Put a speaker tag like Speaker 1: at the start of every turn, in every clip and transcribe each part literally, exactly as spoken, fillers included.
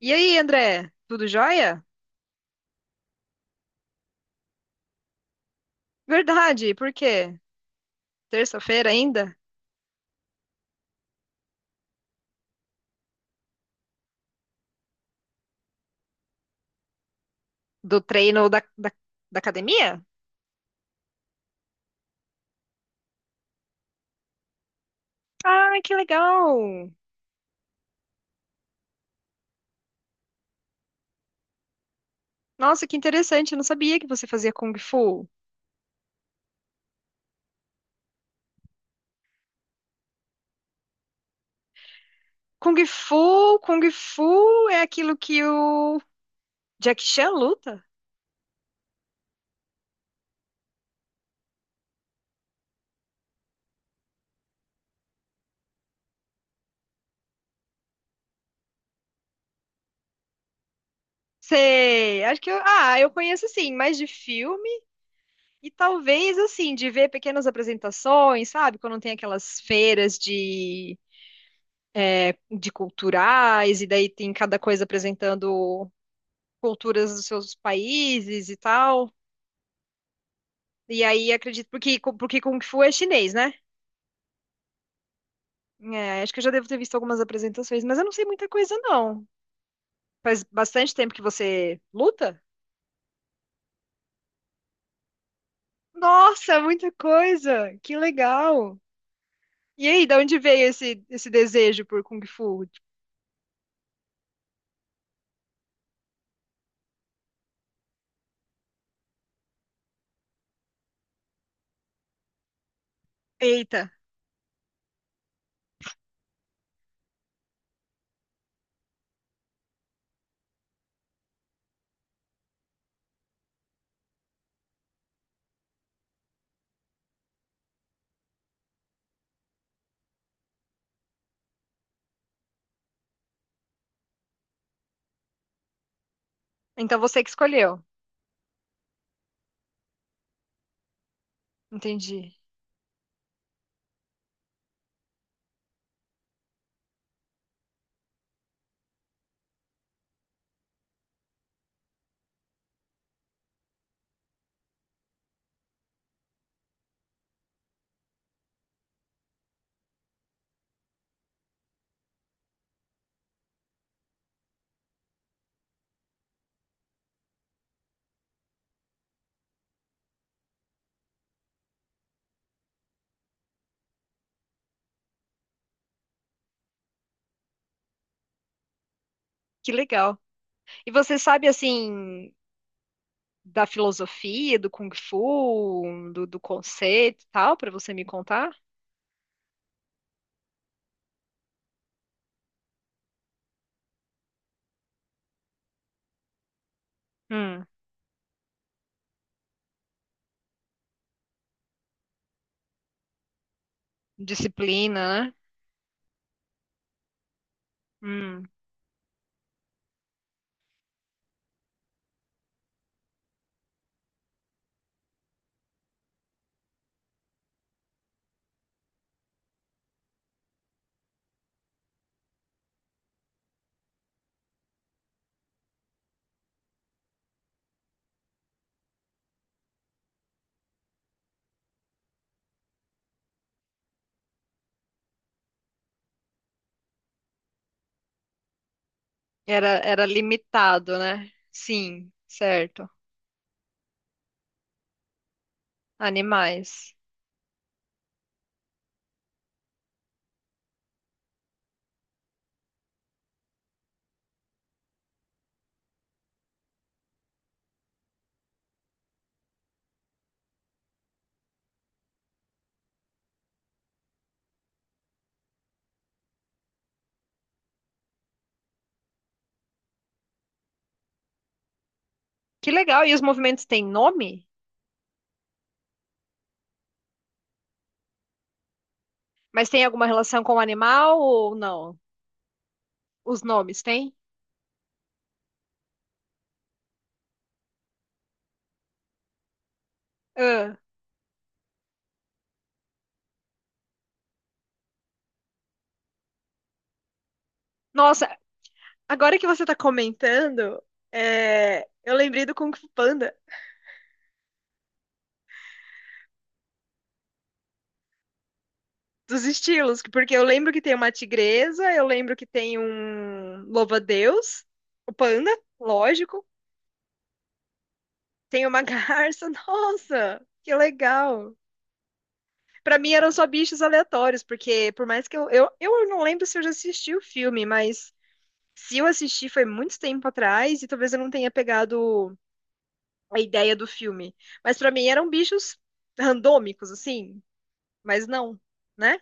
Speaker 1: E aí, André? Tudo jóia? Verdade, por quê? Terça-feira ainda? Do treino da, da, da academia? Ah, que legal! Nossa, que interessante, eu não sabia que você fazia Kung Fu. Kung Fu, Kung Fu é aquilo que o Jackie Chan luta? Sei, acho que eu, ah, eu conheço sim, mais de filme e talvez assim, de ver pequenas apresentações, sabe? Quando tem aquelas feiras de, de culturais e daí tem cada coisa apresentando culturas dos seus países e tal. E aí acredito porque porque Kung Fu é chinês, né? É, acho que eu já devo ter visto algumas apresentações, mas eu não sei muita coisa não. Faz bastante tempo que você luta? Nossa, muita coisa. Que legal. E aí, da onde veio esse esse desejo por Kung Fu? Eita. Então você que escolheu. Entendi. Que legal. E você sabe assim da filosofia do Kung Fu, do, do conceito e tal, para você me contar? Hum. Disciplina, né? Hum, era, era limitado, né? Sim, certo. Animais. Que legal. E os movimentos têm nome? Mas tem alguma relação com o animal ou não? Os nomes têm? Ah, nossa, agora que você tá comentando, é, eu lembrei do Kung Fu Panda, dos estilos, porque eu lembro que tem uma tigresa, eu lembro que tem um louva-a-Deus, o panda, lógico, tem uma garça, nossa, que legal. Pra mim eram só bichos aleatórios, porque por mais que eu, eu. Eu não lembro se eu já assisti o filme, mas se eu assisti foi muito tempo atrás e talvez eu não tenha pegado a ideia do filme. Mas pra mim eram bichos randômicos, assim. Mas não, né?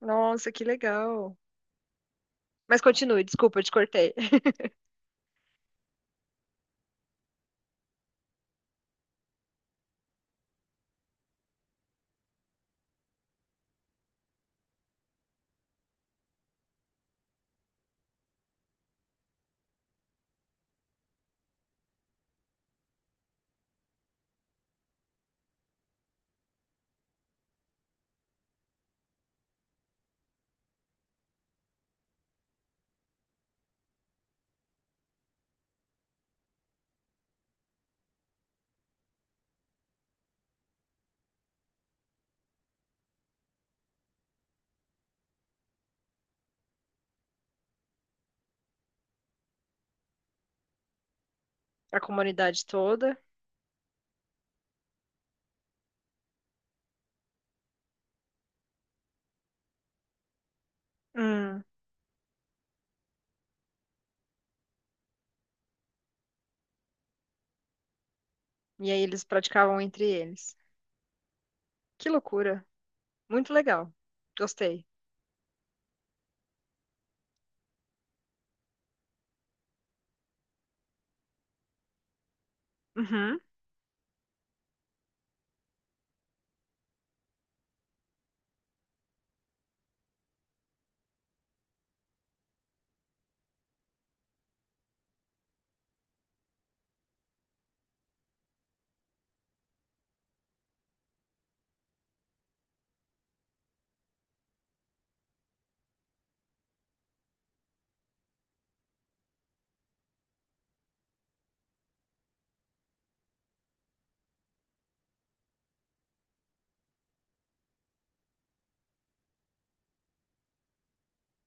Speaker 1: Nossa, que legal. Mas continue, desculpa, eu te cortei. A comunidade toda. Hum, e aí eles praticavam entre eles. Que loucura. Muito legal. Gostei. Uhum.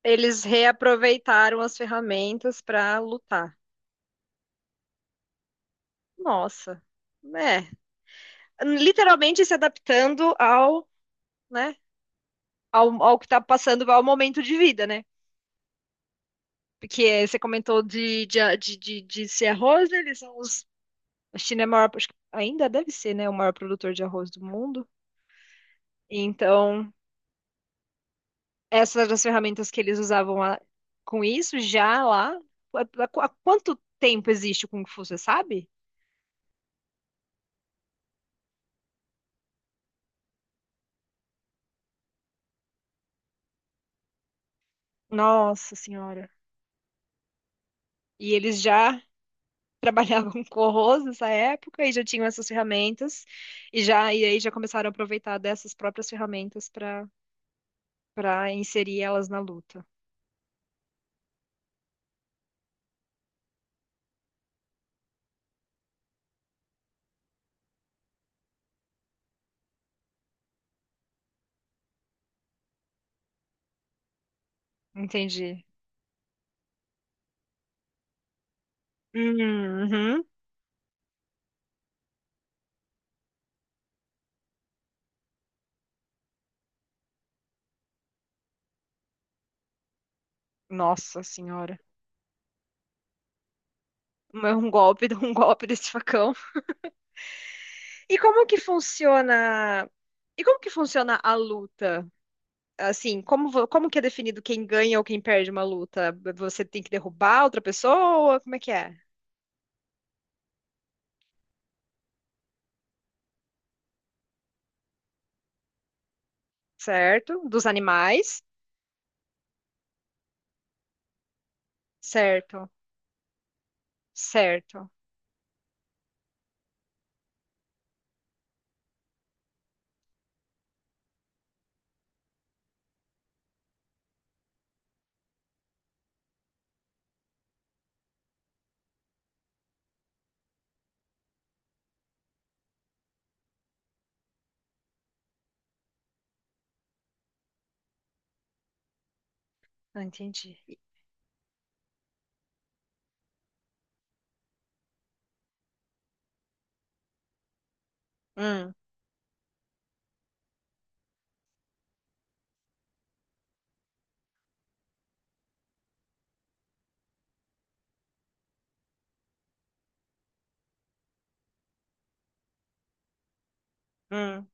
Speaker 1: Eles reaproveitaram as ferramentas pra lutar. Nossa, né? Literalmente se adaptando ao, né? Ao, ao que está passando, ao momento de vida, né? Porque eh, você comentou de, de, de, de, de ser arroz, né? Eles são os. A China é o maior, acho que ainda deve ser, né? O maior produtor de arroz do mundo. Então, essas eram as ferramentas que eles usavam lá, com isso já lá. Há, há- há quanto tempo existe o Kung Fu, você sabe? Nossa Senhora. E eles já trabalhava com co nessa época e já tinham essas ferramentas e já e aí já começaram a aproveitar dessas próprias ferramentas para para inserir elas na luta. Entendi. Uhum. Nossa senhora. Um um golpe, um golpe desse facão. E como que funciona? E como que funciona a luta? Assim, como, vo- como que é definido quem ganha ou quem perde uma luta? Você tem que derrubar outra pessoa? Como é que é? Certo? Dos animais? Certo, certo. Ah, entendi. Hum, hum,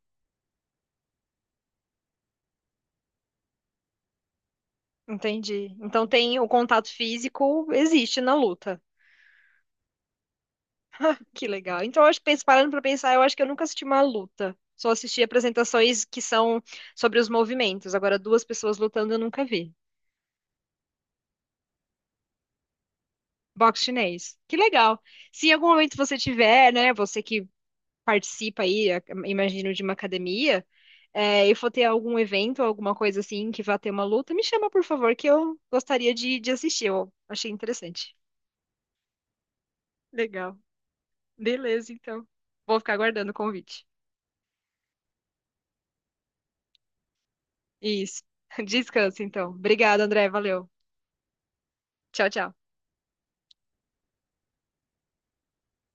Speaker 1: entendi. Então tem o contato físico existe na luta. Que legal. Então eu acho que penso- parando para pensar, eu acho que eu nunca assisti uma luta. Só assisti apresentações que são sobre os movimentos. Agora duas pessoas lutando eu nunca vi. Boxe chinês. Que legal. Se em algum momento você tiver, né, você que participa aí, a- imagino, de uma academia, é, e for ter algum evento, alguma coisa assim que vá ter uma luta, me chama, por favor, que eu gostaria de, de assistir. Eu achei interessante. Legal. Beleza, então. Vou ficar aguardando o convite. Isso. Descansa, então. Obrigada, André. Valeu. Tchau, tchau.